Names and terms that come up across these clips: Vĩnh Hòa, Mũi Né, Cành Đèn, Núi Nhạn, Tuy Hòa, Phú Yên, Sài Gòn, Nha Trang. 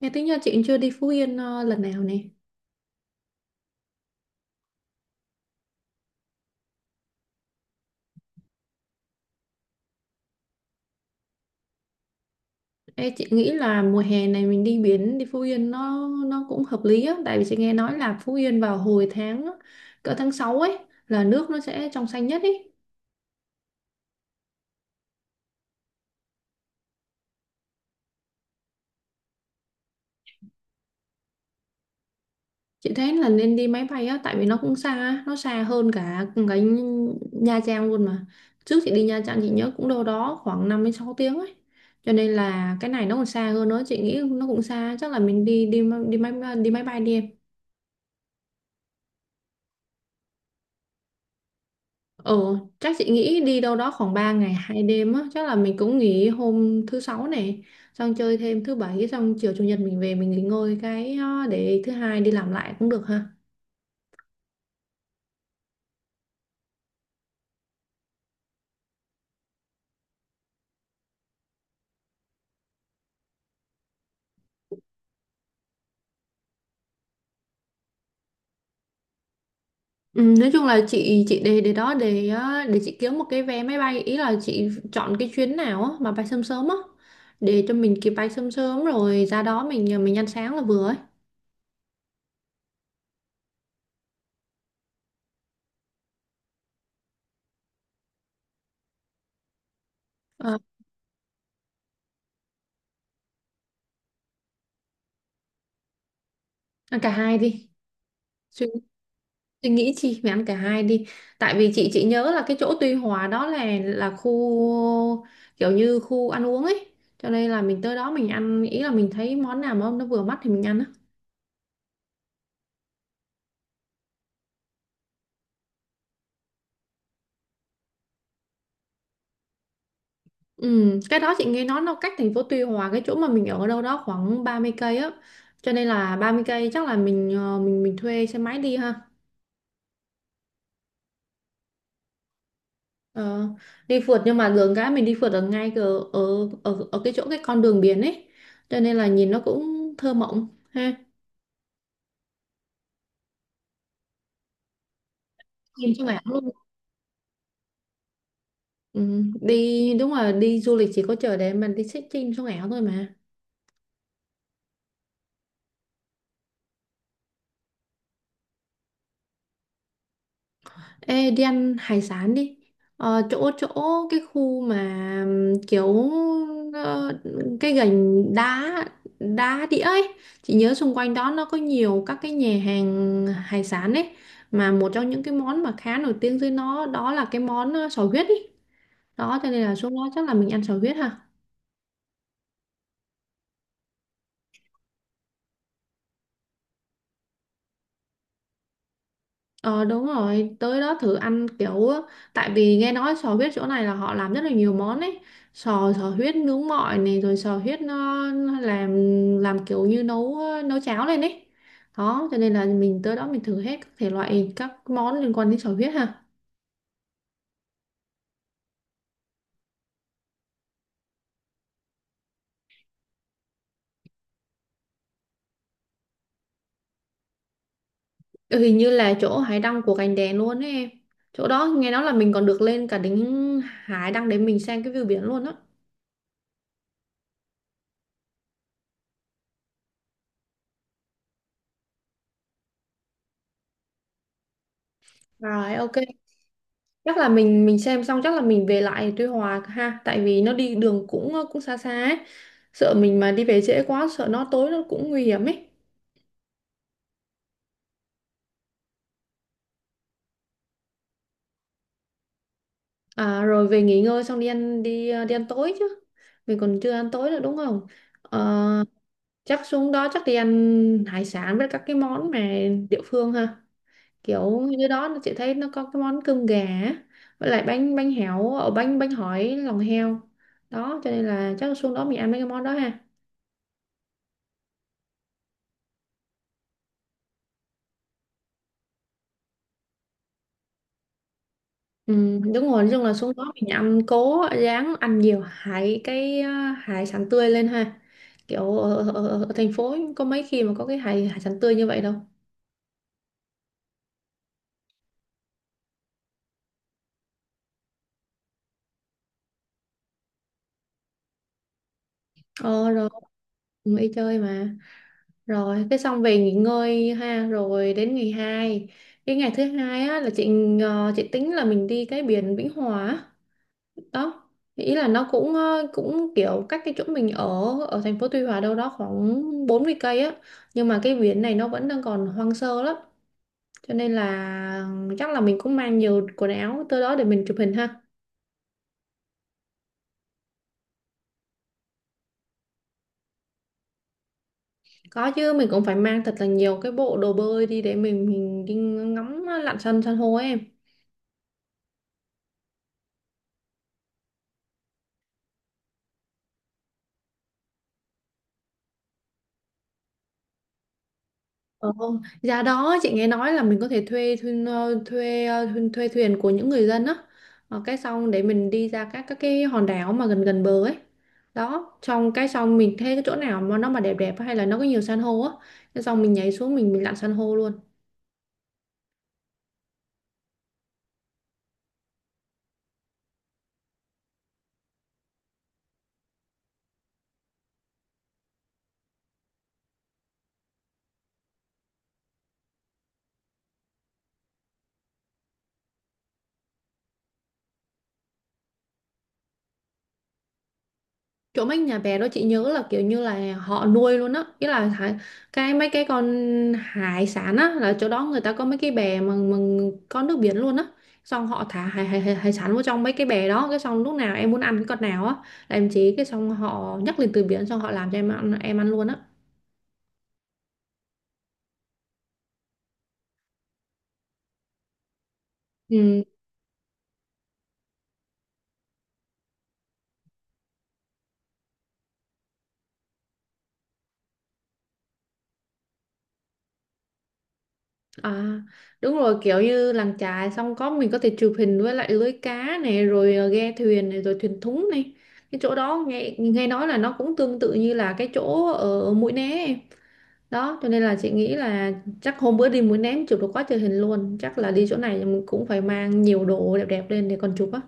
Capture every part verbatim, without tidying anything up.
Nghe tính ra chị chưa đi Phú Yên ờ, lần nào nè. Ê, chị nghĩ là mùa hè này mình đi biển đi Phú Yên nó nó cũng hợp lý á, tại vì chị nghe nói là Phú Yên vào hồi tháng cỡ tháng sáu ấy là nước nó sẽ trong xanh nhất ấy. Chị thấy là nên đi máy bay á, tại vì nó cũng xa á, nó xa hơn cả cái Nha Trang luôn mà. Trước chị đi Nha Trang chị nhớ cũng đâu đó khoảng năm đến sáu tiếng ấy. Cho nên là cái này nó còn xa hơn nữa, chị nghĩ nó cũng xa, chắc là mình đi đi đi máy đi máy bay đi em. Ừ, chắc chị nghĩ đi đâu đó khoảng ba ngày hai đêm á, chắc là mình cũng nghỉ hôm thứ sáu này, xong chơi thêm thứ bảy, xong chiều chủ nhật mình về mình nghỉ ngơi cái, ờ, để thứ hai đi làm lại cũng được ha. Ừ, nói chung là chị chị để để đó để ờ, để chị kiếm một cái vé máy bay, ý là chị chọn cái chuyến nào á mà bay sớm sớm á, để cho mình kịp bay sớm sớm rồi ra đó mình mình ăn sáng là vừa ấy. Ờ, ăn cả hai đi. Tôi nghĩ chị phải ăn cả hai đi, tại vì chị chị nhớ là cái chỗ Tuy Hòa đó là là khu, kiểu như khu ăn uống ấy, cho nên là mình tới đó mình ăn, ý là mình thấy món nào mà nó vừa mắt thì mình ăn á. Ừ, cái đó chị nghe nói nó cách thành phố Tuy Hòa cái chỗ mà mình ở, ở đâu đó khoảng ba mươi cây á, cho nên là ba mươi cây chắc là mình ờ, mình mình thuê xe máy đi ha. Ờ, đi phượt nhưng mà đường cái mình đi phượt ở ngay ở ở ở, ở cái chỗ cái con đường biển ấy, cho nên là nhìn nó cũng thơ mộng ha. Nhìn cho mẻ. Ừ, đi đúng là đi du lịch chỉ có chờ để mình đi check-in sống ảo thôi mà. Ê, đi ăn hải sản đi, ờ, chỗ chỗ cái khu mà, ừm, kiểu, ờ, cái Gành đá đá Đĩa ấy, chị nhớ xung quanh đó nó có nhiều các cái nhà hàng hải sản ấy, mà một trong những cái món mà khá nổi tiếng dưới nó đó là cái món, ờ, sò huyết ấy, đó cho nên là xuống đó chắc là mình ăn sò huyết ha. Ờ, đúng rồi, tới đó thử ăn kiểu á, tại vì nghe nói sò huyết chỗ này là họ làm rất là nhiều món ấy. Sò sò huyết nướng mọi này, rồi sò huyết nó nó làm làm kiểu như nấu nấu cháo lên ấy. Đó, cho nên là mình tới đó mình thử hết các thể loại các món liên quan đến sò huyết ha. Ừ, hình như là chỗ hải đăng của Cành Đèn luôn ấy em. Chỗ đó nghe nói là mình còn được lên cả đỉnh hải đăng để mình xem cái view biển luôn á. Rồi ok, chắc là mình mình xem xong, chắc là mình về lại Tuy Hòa ha, tại vì nó đi đường cũng ờ, cũng xa xa ấy, sợ mình mà đi về trễ quá, sợ nó tối nó cũng nguy hiểm ấy. À, rồi về nghỉ ngơi xong đi ăn đi ờ, đi ăn tối chứ, mình còn chưa ăn tối nữa đúng không? Ờ, chắc xuống đó chắc đi ăn hải sản với các cái món mà địa phương ha, kiểu như đó nó chị thấy nó có cái món cơm gà á, với lại bánh bánh héo ở bánh bánh hỏi lòng heo, đó cho nên là chắc xuống đó mình ăn mấy cái món đó ha. Ừ, đúng rồi, nói chung là xuống đó mình ăn cố, ráng ăn nhiều hải cái ờ, hải sản tươi lên ha. Kiểu ở, ở, ở ở thành phố có mấy khi mà có cái hải hải sản tươi như vậy đâu. Ờ rồi, cũng đi chơi mà. Rồi, cái xong về nghỉ ngơi ha, rồi đến ngày hai. Cái ngày thứ hai á là chị ờ, chị tính là mình đi cái biển Vĩnh Hòa á. Đó. Ý là nó cũng ờ, cũng kiểu cách cái chỗ mình ở, ở thành phố Tuy Hòa đâu đó khoảng bốn mươi cây á. Nhưng mà cái biển này nó vẫn đang còn hoang sơ lắm, cho nên là chắc là mình cũng mang nhiều quần áo tới đó để mình chụp hình ha. Có chứ, mình cũng phải mang thật là nhiều cái bộ đồ bơi đi để mình mình đi ngắm lặn san san hô ấy em. Ờ, không. Giá đó chị nghe nói là mình có thể thuê thuê thuê, thuê, thuê thuyền của những người dân á. Ờ, cái xong để mình đi ra các các cái hòn đảo mà gần gần bờ ấy, đó xong cái xong mình thấy cái chỗ nào mà nó mà đẹp đẹp hay là nó có nhiều san hô á, cái xong mình nhảy xuống mình mình lặn san hô luôn. Chỗ mấy nhà bè đó chị nhớ là kiểu như là họ nuôi luôn á, ý là hải- cái mấy cái con hải sản á, là chỗ đó người ta có mấy cái bè mà, mà có nước biển luôn á, xong họ thả hải, hải, hải, hải sản vô trong mấy cái bè đó, cái xong lúc nào em muốn ăn cái con nào á, là em chế, cái xong họ nhắc lên từ biển, xong họ làm cho em ăn em ăn luôn á. Ừ. À, đúng rồi, kiểu như làng chài xong có mình có thể chụp hình với lại lưới cá này, rồi ờ, ghe thuyền này, rồi thuyền thúng này. Cái chỗ đó nghe nghe nói là nó cũng tương tự như là cái chỗ ở Mũi Né em, đó cho nên là chị nghĩ là chắc hôm bữa đi Mũi Né chụp được quá trời hình luôn, chắc là đi chỗ này mình cũng phải mang nhiều đồ đẹp đẹp lên để còn chụp á.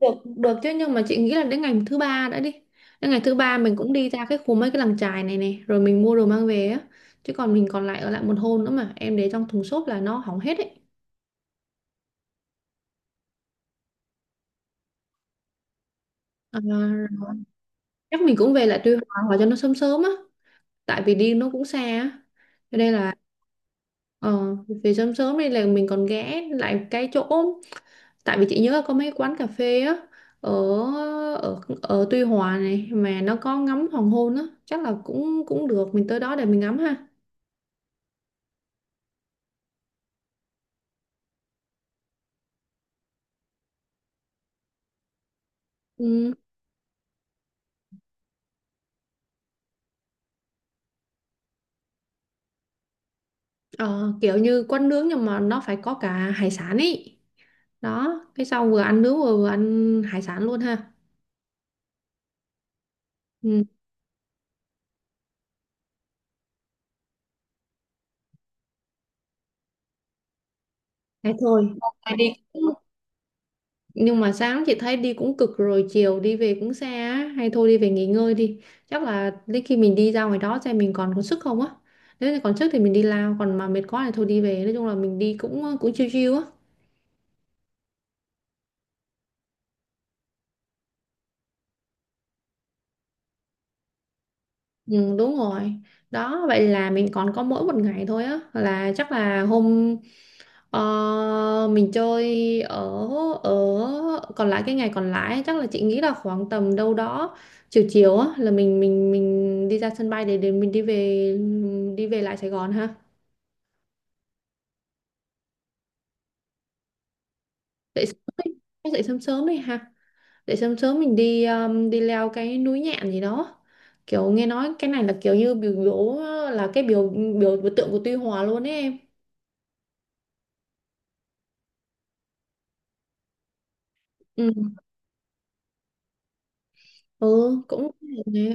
Được được chứ, nhưng mà chị nghĩ là đến ngày thứ ba đã đi đến ngày thứ ba mình cũng đi ra cái khu mấy cái làng chài này này, rồi mình mua đồ mang về á, chứ còn mình còn lại ở lại một hôm nữa mà em để trong thùng xốp là nó hỏng hết ấy. À, chắc mình cũng về lại Tuy Hòa hoặc cho nó sớm sớm á, tại vì đi nó cũng xa á, cho nên là ờ về sớm sớm đi là mình còn ghé lại cái chỗ, tại vì chị nhớ có mấy quán cà phê á, ở ở ở Tuy Hòa này mà nó có ngắm hoàng hôn á, chắc là cũng cũng được mình tới đó để mình ngắm ha. Ừ, ờ, kiểu như quán nướng nhưng mà nó phải có cả hải sản ấy, đó cái sau vừa ăn nướng vừa, vừa ăn hải sản luôn ha. Ừ, thế thôi hôm nay đi, nhưng mà sáng chị thấy đi cũng cực rồi, chiều đi về cũng xa á, hay thôi đi về nghỉ ngơi đi, chắc là đến khi mình đi ra ngoài đó xem mình còn có sức không á, nếu như còn sức thì mình đi lao, còn mà mệt quá thì thôi đi về, nói chung là mình đi cũng ờ, cũng chill chill á. Ừ, đúng rồi, đó vậy là mình còn có mỗi một ngày thôi á, là chắc là hôm Ờ, mình chơi ở ở còn lại cái ngày còn lại, chắc là chị nghĩ là khoảng tầm đâu đó chiều chiều á là mình mình mình đi ra sân bay để để mình đi về đi về lại Sài Gòn ha. Dậy sớm đi, chắc dậy sớm sớm đi ha, dậy sớm sớm mình đi um, đi leo cái núi Nhạn gì đó, kiểu nghe nói cái này là kiểu như biểu biểu là cái biểu biểu biểu tượng của Tuy Hòa luôn ấy em. Ừ, ừ cũng.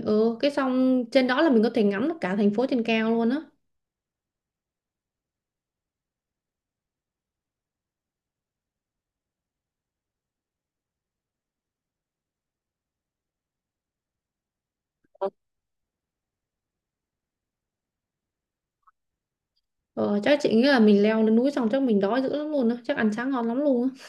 Ừ, cái xong trên đó là mình có thể ngắm được cả thành phố trên cao luôn á. Ờ, chắc chị nghĩ là mình leo lên núi xong chắc mình đói dữ lắm luôn á, chắc ăn sáng ngon lắm luôn á.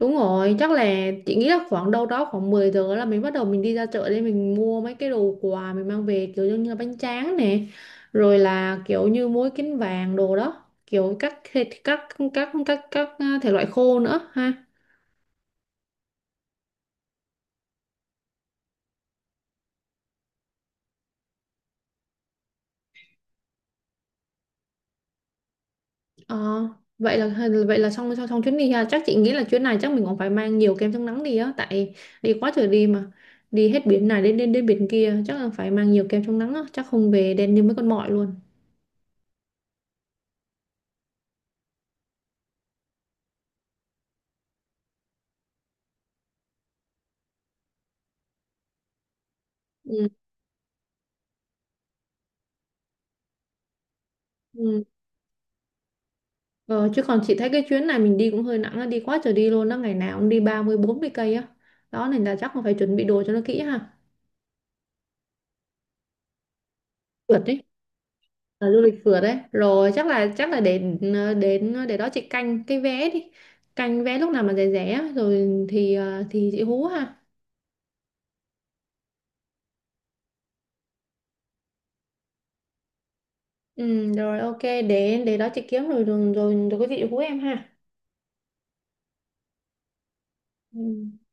Đúng rồi, chắc là chị nghĩ là khoảng đâu đó khoảng mười giờ là mình bắt đầu mình đi ra chợ để mình mua mấy cái đồ quà mình mang về, kiểu như là bánh tráng nè, rồi là kiểu như muối kiến vàng đồ đó, kiểu các thịt các các các các, các thể loại khô nữa ha. Ờ, vậy là vậy là xong xong, xong chuyến đi ha. Chắc chị nghĩ là chuyến này chắc mình cũng phải mang nhiều kem chống nắng đi á, tại đi quá trời đi mà. Đi hết biển này đến đến đến biển kia, chắc là phải mang nhiều kem chống nắng á, chắc không về đen như mấy con mọi luôn. Ừ. Ừ. Ờ, chứ còn chị thấy cái chuyến này mình đi cũng hơi nặng á, đi quá trời đi luôn đó, ngày nào cũng đi ba mươi bốn mươi cây á. Đó nên là chắc là phải chuẩn bị đồ cho nó kỹ ha. Phượt đi. Là du lịch phượt đấy, rồi chắc là chắc là để đến ờ, để đó chị canh cái vé đi, canh vé lúc nào mà rẻ rẻ á, rồi thì ờ, thì chị hú ha. Ừ, rồi ok, để để đó chị kiếm rồi rồi rồi, rồi có gì chị hú em ha. Ừ.